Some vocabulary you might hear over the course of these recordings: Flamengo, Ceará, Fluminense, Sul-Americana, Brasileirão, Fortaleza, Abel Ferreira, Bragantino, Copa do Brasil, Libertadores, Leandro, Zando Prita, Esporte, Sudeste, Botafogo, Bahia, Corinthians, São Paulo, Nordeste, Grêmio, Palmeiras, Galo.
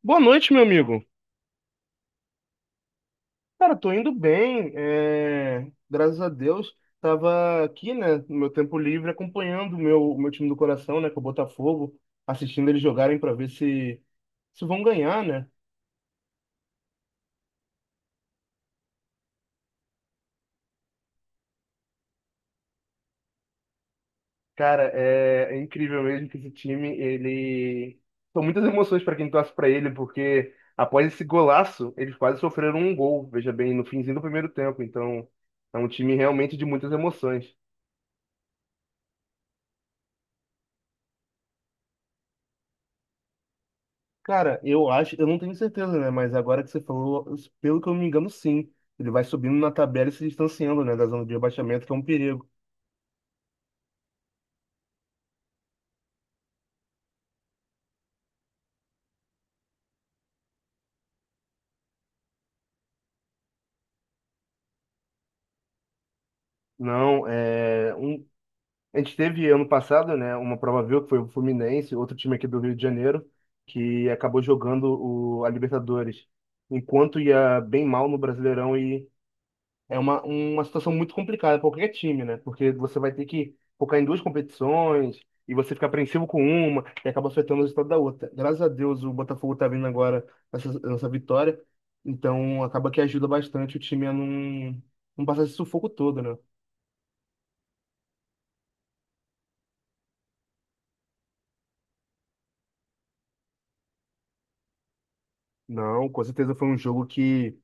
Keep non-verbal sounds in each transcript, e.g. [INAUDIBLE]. Boa noite, meu amigo. Cara, tô indo bem, é, graças a Deus. Tava aqui, né, no meu tempo livre, acompanhando o meu time do coração, né, que é o Botafogo, assistindo eles jogarem para ver se vão ganhar, né? Cara, é incrível mesmo que esse time, ele. São muitas emoções para quem torce para ele, porque após esse golaço, eles quase sofreram um gol, veja bem, no finzinho do primeiro tempo. Então, é um time realmente de muitas emoções. Cara, eu acho, eu não tenho certeza, né? Mas agora que você falou, pelo que eu me engano, sim. Ele vai subindo na tabela e se distanciando, né, da zona de rebaixamento, que é um perigo. Não, a gente teve ano passado, né, uma prova viu que foi o Fluminense, outro time aqui do Rio de Janeiro, que acabou jogando a Libertadores, enquanto ia bem mal no Brasileirão e é uma situação muito complicada para qualquer time, né? Porque você vai ter que focar em duas competições e você fica apreensivo com uma e acaba afetando o resultado da outra. Graças a Deus o Botafogo tá vindo agora nessa vitória, então acaba que ajuda bastante o time a não passar esse sufoco todo, né? Não, com certeza foi um jogo que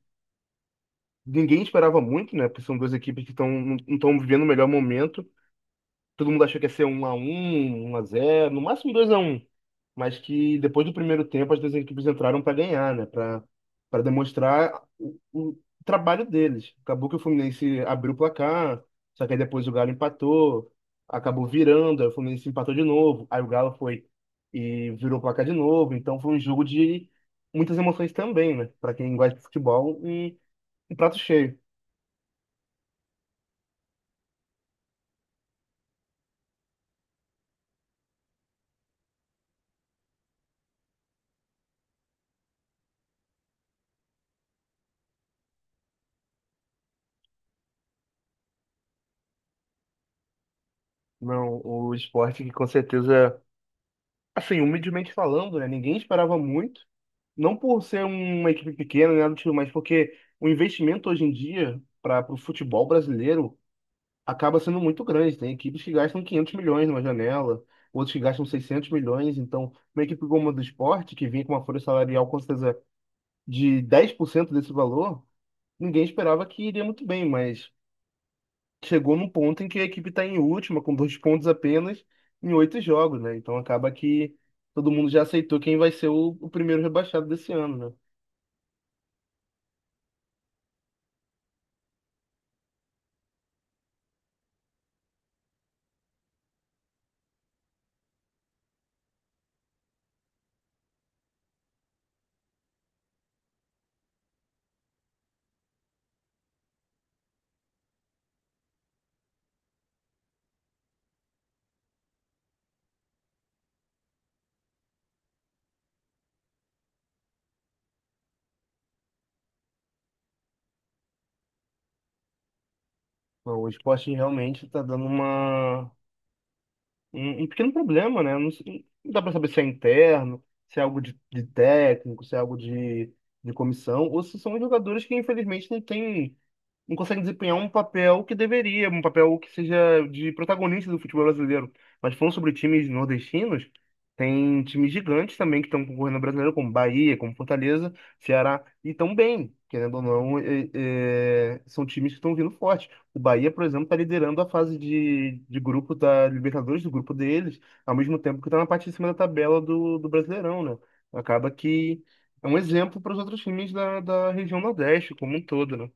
ninguém esperava muito, né? Porque são duas equipes que estão não estão vivendo o melhor momento. Todo mundo achou que ia ser 1-1, 1-0, no máximo 2-1. Mas que depois do primeiro tempo as duas equipes entraram para ganhar, né? Para demonstrar o trabalho deles. Acabou que o Fluminense abriu o placar, só que aí depois o Galo empatou, acabou virando, aí o Fluminense empatou de novo, aí o Galo foi e virou o placar de novo. Então foi um jogo de muitas emoções também, né? Para quem gosta de futebol, um prato cheio. Não, o esporte que com certeza, assim, humildemente falando, né? Ninguém esperava muito. Não por ser uma equipe pequena, né, do tipo, mas porque o investimento hoje em dia para o futebol brasileiro acaba sendo muito grande. Tem equipes que gastam 500 milhões numa janela, outros que gastam 600 milhões. Então, uma equipe como a do esporte, que vinha com uma folha salarial com certeza de 10% desse valor, ninguém esperava que iria muito bem. Mas chegou num ponto em que a equipe está em última, com 2 pontos apenas, em 8 jogos, né? Então acaba que todo mundo já aceitou quem vai ser o primeiro rebaixado desse ano, né? Bom, o esporte realmente está dando um pequeno problema, né? Não, não dá para saber se é interno, se é algo de técnico, se é algo de comissão, ou se são jogadores que infelizmente não têm. Não consegue desempenhar um papel que deveria, um papel que seja de protagonista do futebol brasileiro. Mas falando sobre times nordestinos, tem times gigantes também que estão concorrendo ao brasileiro, como Bahia, como Fortaleza, Ceará, e estão bem, querendo ou não, são times que estão vindo forte. O Bahia, por exemplo, está liderando a fase de grupo da Libertadores, do grupo deles, ao mesmo tempo que está na parte de cima da tabela do Brasileirão, né? Acaba que é um exemplo para os outros times da região Nordeste como um todo, né?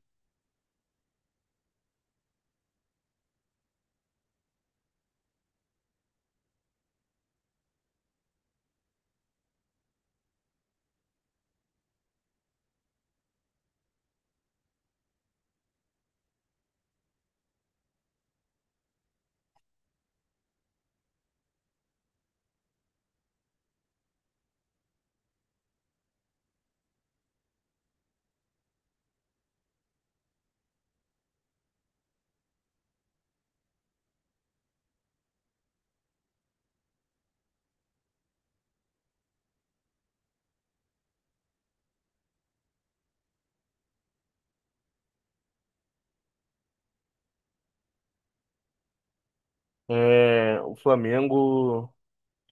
É, o Flamengo,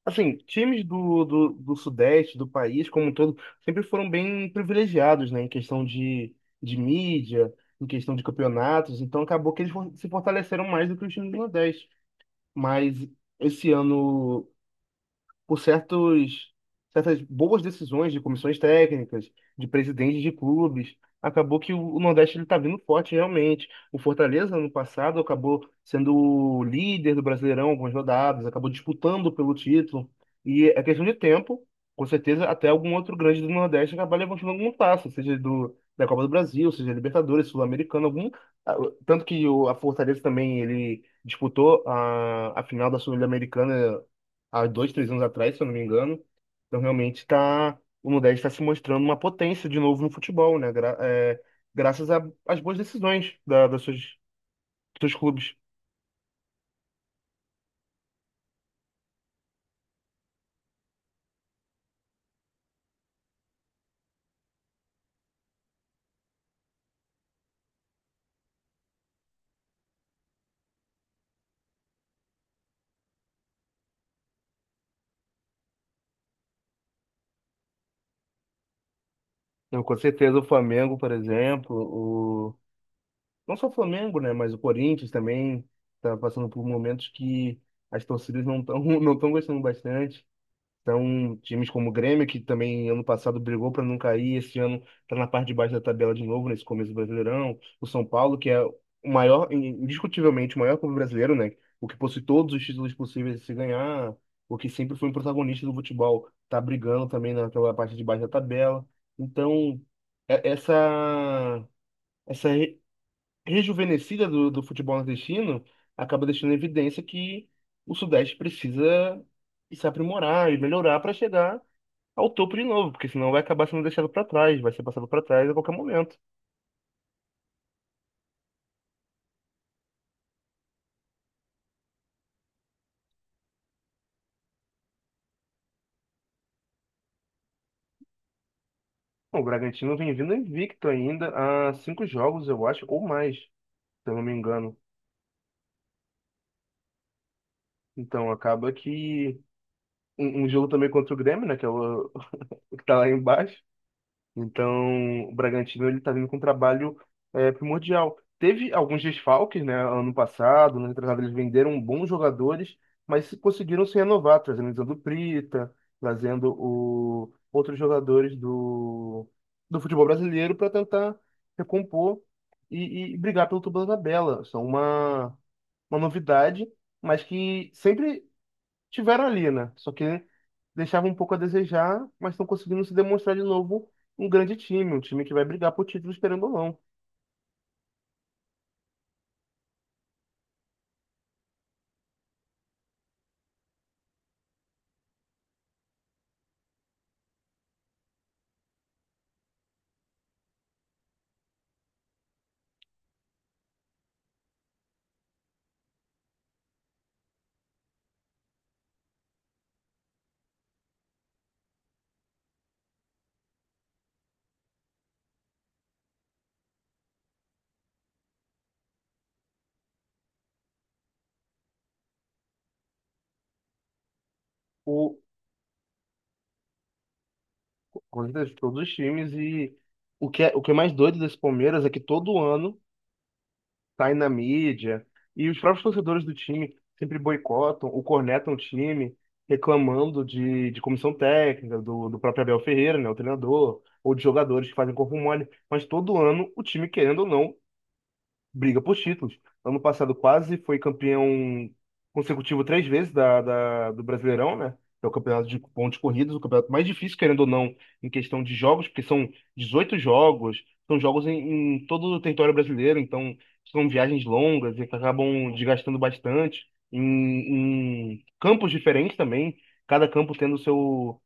assim, times do Sudeste, do país como um todo, sempre foram bem privilegiados, né, em questão de mídia, em questão de campeonatos, então acabou que eles se fortaleceram mais do que os times do Nordeste. Mas esse ano por certas boas decisões de comissões técnicas, de presidentes de clubes. Acabou que o Nordeste ele está vindo forte realmente. O Fortaleza, ano passado, acabou sendo o líder do Brasileirão algumas rodadas, acabou disputando pelo título. E é questão de tempo, com certeza, até algum outro grande do Nordeste acabar levantando algum passo, seja da Copa do Brasil, seja Libertadores, Sul-Americano, algum. ah, Tanto que a Fortaleza também ele disputou a final da Sul-Americana há dois, três anos atrás, se eu não me engano. Então, realmente, tá, o Nordeste está se mostrando uma potência de novo no futebol, né? Graças às boas decisões dos seus clubes. Então, com certeza, o Flamengo, por exemplo, não só o Flamengo, né? Mas o Corinthians também está passando por momentos que as torcidas não estão [LAUGHS] não estão gostando bastante. Então, times como o Grêmio, que também ano passado brigou para não cair, esse ano está na parte de baixo da tabela de novo, nesse começo do Brasileirão. O São Paulo, que é o maior, indiscutivelmente, o maior clube brasileiro, né? O que possui todos os títulos possíveis de se ganhar, o que sempre foi um protagonista do futebol, está brigando também naquela parte de baixo da tabela. Então, é- essa, essa rejuvenescida do futebol nordestino acaba deixando em evidência que o Sudeste precisa se aprimorar e melhorar para chegar ao topo de novo, porque senão vai acabar sendo deixado para trás, vai ser passado para trás a qualquer momento. Bom, o Bragantino vem vindo invicto ainda há cinco jogos, eu acho, ou mais, se eu não me engano. Então acaba que um jogo também contra o Grêmio, né, que é o que tá lá embaixo. Então, o Bragantino ele está vindo com um trabalho primordial. Teve alguns desfalques, né? Ano passado, ano retrasado, eles venderam bons jogadores, mas conseguiram se renovar, trazendo o Zando Prita, trazendo outros jogadores do futebol brasileiro para tentar recompor e brigar pelo topo da tabela. São uma novidade, mas que sempre tiveram ali, né? Só que deixava um pouco a desejar, mas estão conseguindo se demonstrar de novo um grande time, um time que vai brigar por título, esperando ou não. O, com certeza, todos os times. E o que é mais doido desse Palmeiras é que todo ano tá aí na mídia, e os próprios torcedores do time sempre boicotam ou cornetam o time, reclamando de comissão técnica, do próprio Abel Ferreira, né, o treinador, ou de jogadores que fazem corpo mole. Mas todo ano o time, querendo ou não, briga por títulos. Ano passado quase foi campeão consecutivo três vezes do Brasileirão, né? Que é o campeonato de pontos corridos, o campeonato mais difícil, querendo ou não, em questão de jogos, porque são 18 jogos, são jogos em todo o território brasileiro, então são viagens longas e que acabam desgastando bastante, em campos diferentes também, cada campo tendo seu,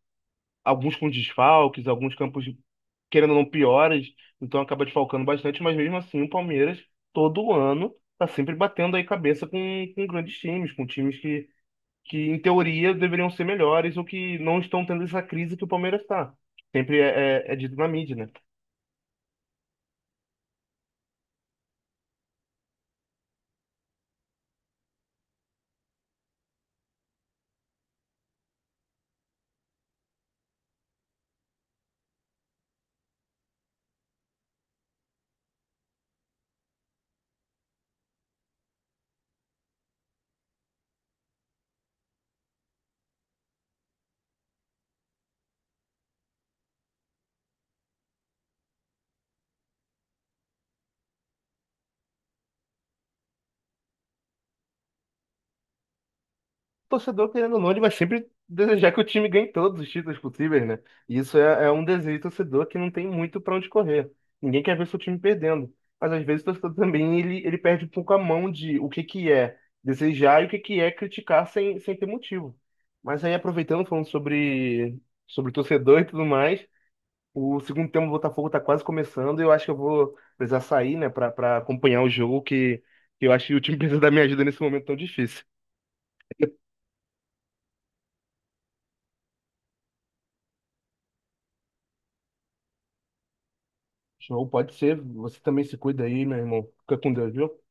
alguns com desfalques, alguns campos querendo ou não, piores, então acaba desfalcando bastante, mas mesmo assim o Palmeiras, todo ano, tá sempre batendo aí cabeça com grandes times, com times que, em teoria, deveriam ser melhores ou que não estão tendo essa crise que o Palmeiras tá. Sempre é dito na mídia, né? Torcedor, querendo ou não, ele vai sempre desejar que o time ganhe todos os títulos possíveis, né? E isso é um desejo do torcedor que não tem muito pra onde correr. Ninguém quer ver seu time perdendo. Mas às vezes o torcedor também ele perde um pouco a mão de o que que é desejar e o que que é criticar sem ter motivo. Mas aí aproveitando, falando sobre torcedor e tudo mais, o segundo tempo do Botafogo tá quase começando e eu acho que eu vou precisar sair, né, pra acompanhar o jogo que eu acho que o time precisa da minha ajuda nesse momento tão difícil. Show, pode ser. Você também se cuida aí, meu irmão. Fica com Deus, viu?